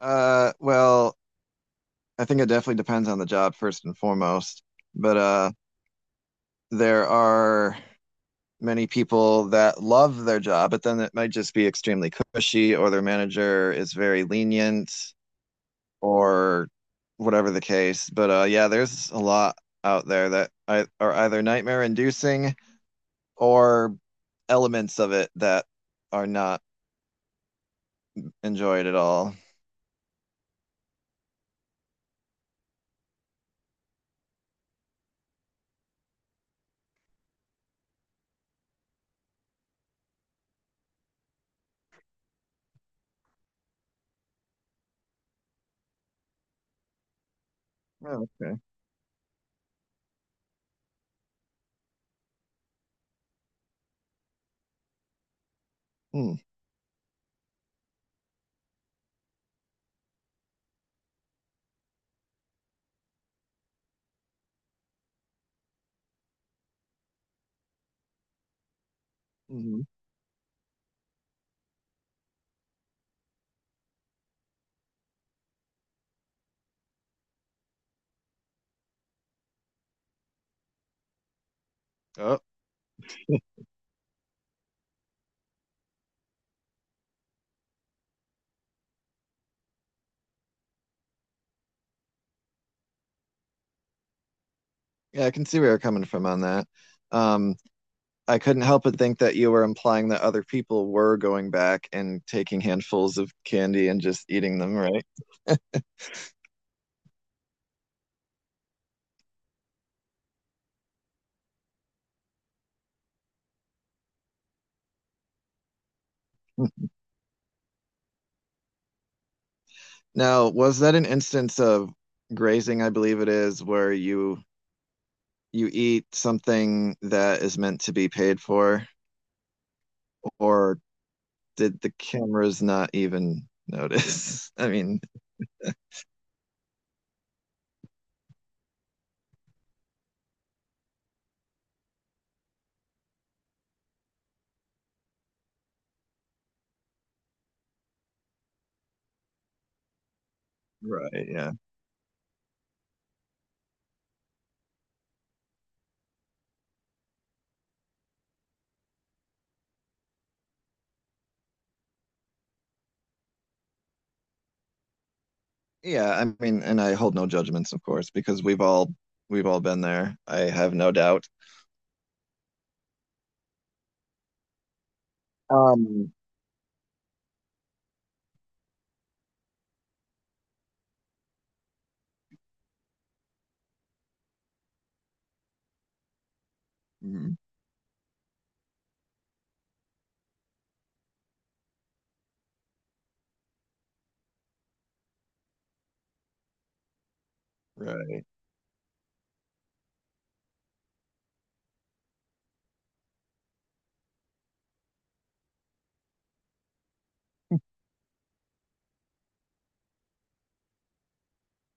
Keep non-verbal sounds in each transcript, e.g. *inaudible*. Uh, well, I think it definitely depends on the job first and foremost. But there are many people that love their job, but then it might just be extremely cushy, or their manager is very lenient, or whatever the case. But yeah, there's a lot out there that are either nightmare inducing or elements of it that are not enjoyed at all. Oh, okay. Mm, mhm. Oh, yeah, I can see where you're coming from on that. Um, I couldn't help but think that you were implying that other people were going back and taking handfuls of candy and just eating them, right? *laughs* Now, was that an instance of grazing, I believe it is, where you eat something that is meant to be paid for, or did the cameras not even notice? *laughs* I mean, right, yeah. Yeah, I mean, and I hold no judgments, of course, because we've all been there. I have no doubt. Um, mm, right.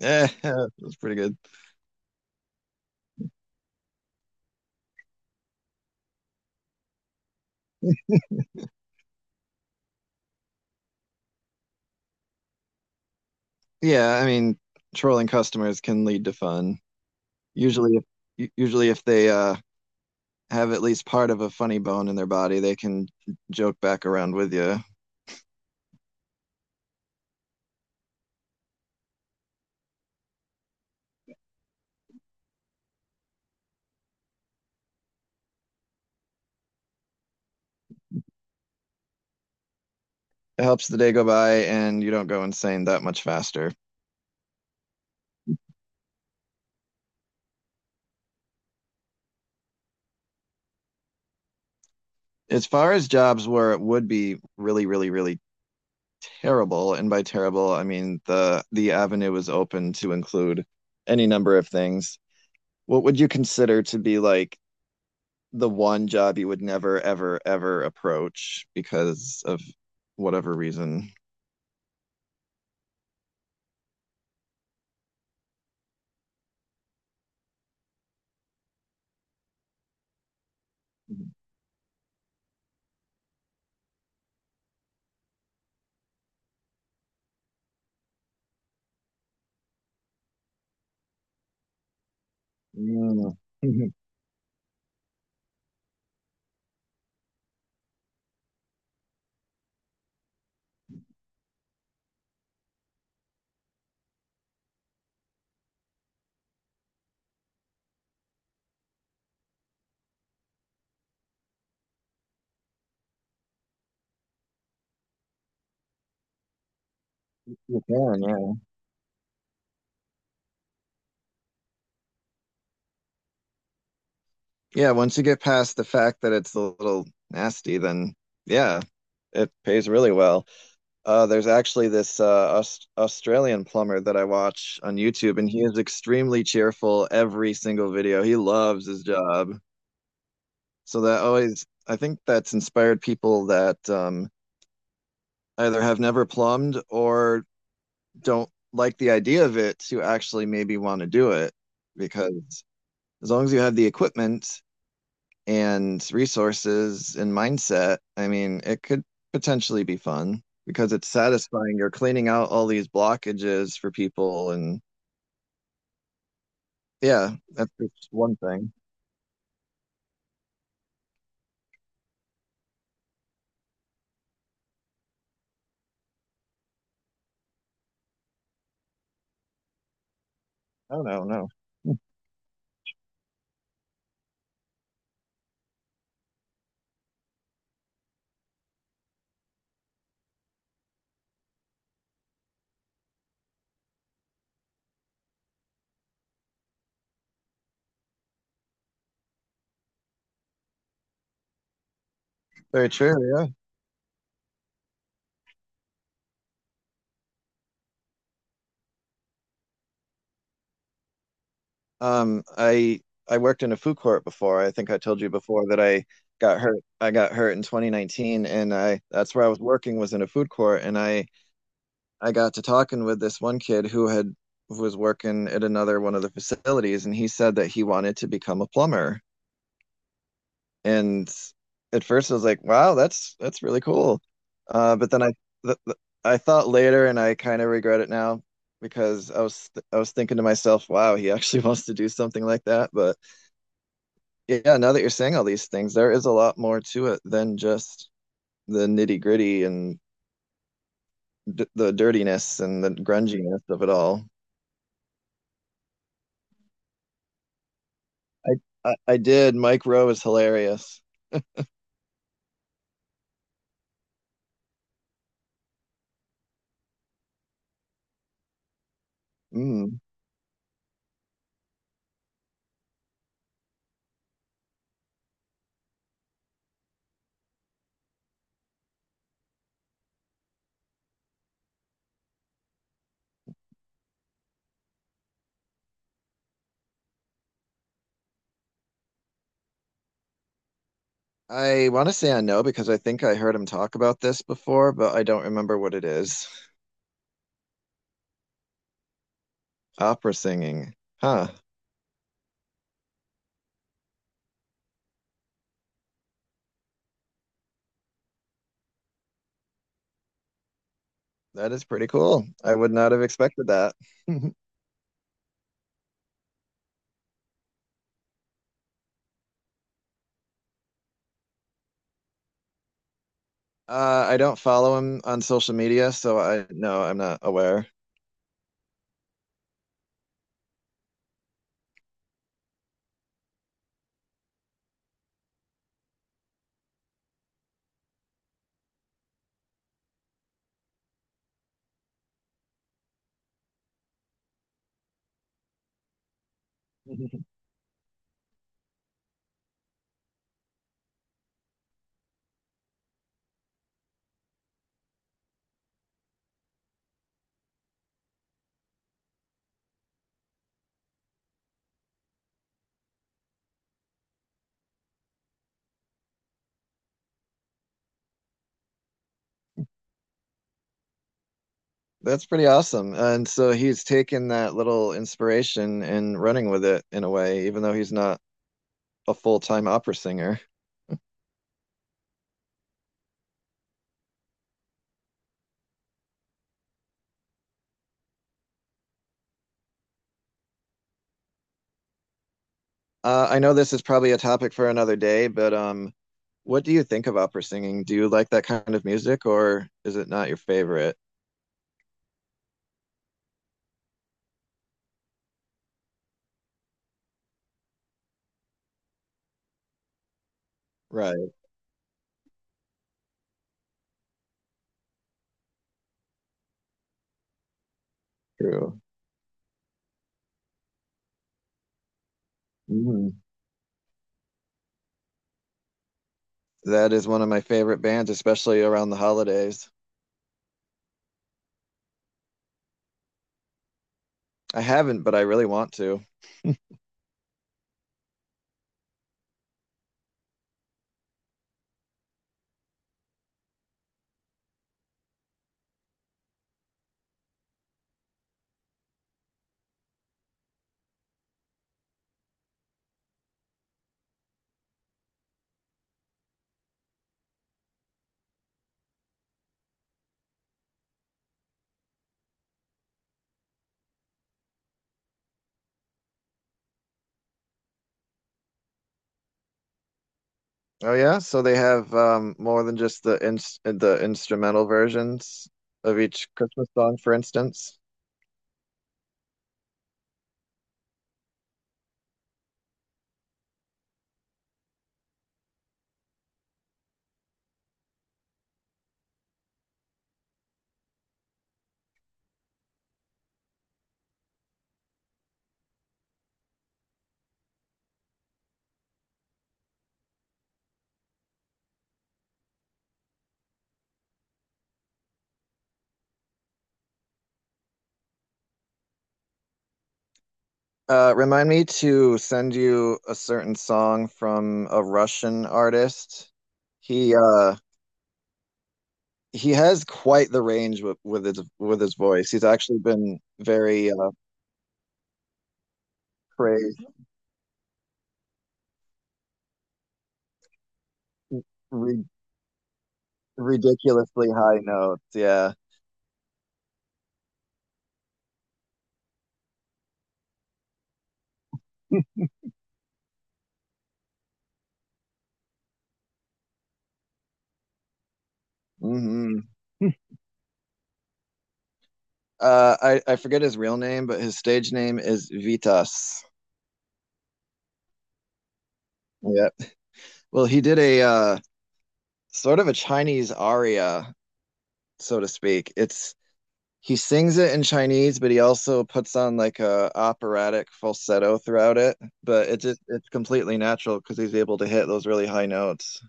Eh, *laughs* that's pretty good. Yeah, I mean, trolling customers can lead to fun. Usually, usually if they have at least part of a funny bone in their body, they can joke back around with you. It helps the day go by, and you don't go insane that much faster. As far as jobs where it would be really, really, really terrible, and by terrible, I mean the avenue is open to include any number of things. What would you consider to be like the one job you would never, ever, ever approach because of whatever reason. Mm. You *laughs* yeah. Yeah, once you get past the fact that it's a little nasty, then yeah, it pays really well. There's actually this Australian plumber that I watch on YouTube, and he is extremely cheerful every single video. He loves his job. So that always, I think that's inspired people that either have never plumbed or don't like the idea of it to actually maybe want to do it because as long as you have the equipment and resources and mindset, I mean, it could potentially be fun because it's satisfying. You're cleaning out all these blockages for people and yeah, that's just one thing. I don't know, no. Very true, yeah. Um, I I worked in a food court before. I think I told you before that I got hurt. I got hurt in 2019 and I that's where I was working was in a food court and I got to talking with this one kid who was working at another one of the facilities, and he said that he wanted to become a plumber. And at first, I was like, "Wow, that's really cool," but then I th th I thought later, and I kind of regret it now because I was thinking to myself, "Wow, he *laughs* actually wants to do something like that." But yeah, now that you're saying all these things, there is a lot more to it than just the nitty gritty and d the dirtiness and the grunginess of it all. I, I did. Mike Rowe is hilarious. Mm. I want to say I know because I think I heard him talk about this before, but I don't remember what it is. Opera singing. Huh. That is pretty cool. I would not have expected that. *laughs* I don't follow him on social media, so I no, I'm not aware. *laughs* That's pretty awesome. And so he's taken that little inspiration and running with it in a way, even though he's not a full-time opera singer. I know this is probably a topic for another day, but what do you think of opera singing? Do you like that kind of music, or is it not your favorite? Right, true. Mhm. That is one of my favorite bands, especially around the holidays. I haven't, but I really want to. Oh yeah, so they have more than just the instrumental versions of each Christmas song, for instance. Remind me to send you a certain song from a Russian artist. He he has quite the range with his voice. He's actually been very praised ri- ridiculously high notes. Yeah. hmm I forget his real name, but his stage name is Vitas. Yeah. Well, he did a sort of a Chinese aria, so to speak. It's He sings it in Chinese, but he also puts on like a operatic falsetto throughout it. But it's completely natural because he's able to hit those really high notes.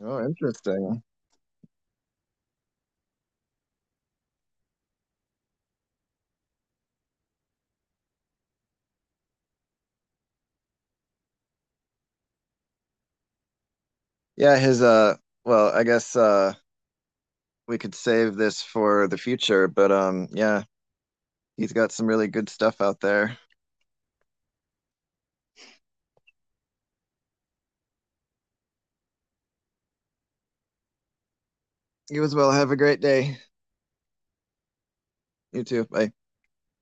Oh, interesting. Yeah, his well, I guess we could save this for the future, but yeah, he's got some really good stuff out there. You as well. Have a great day. You too. Bye.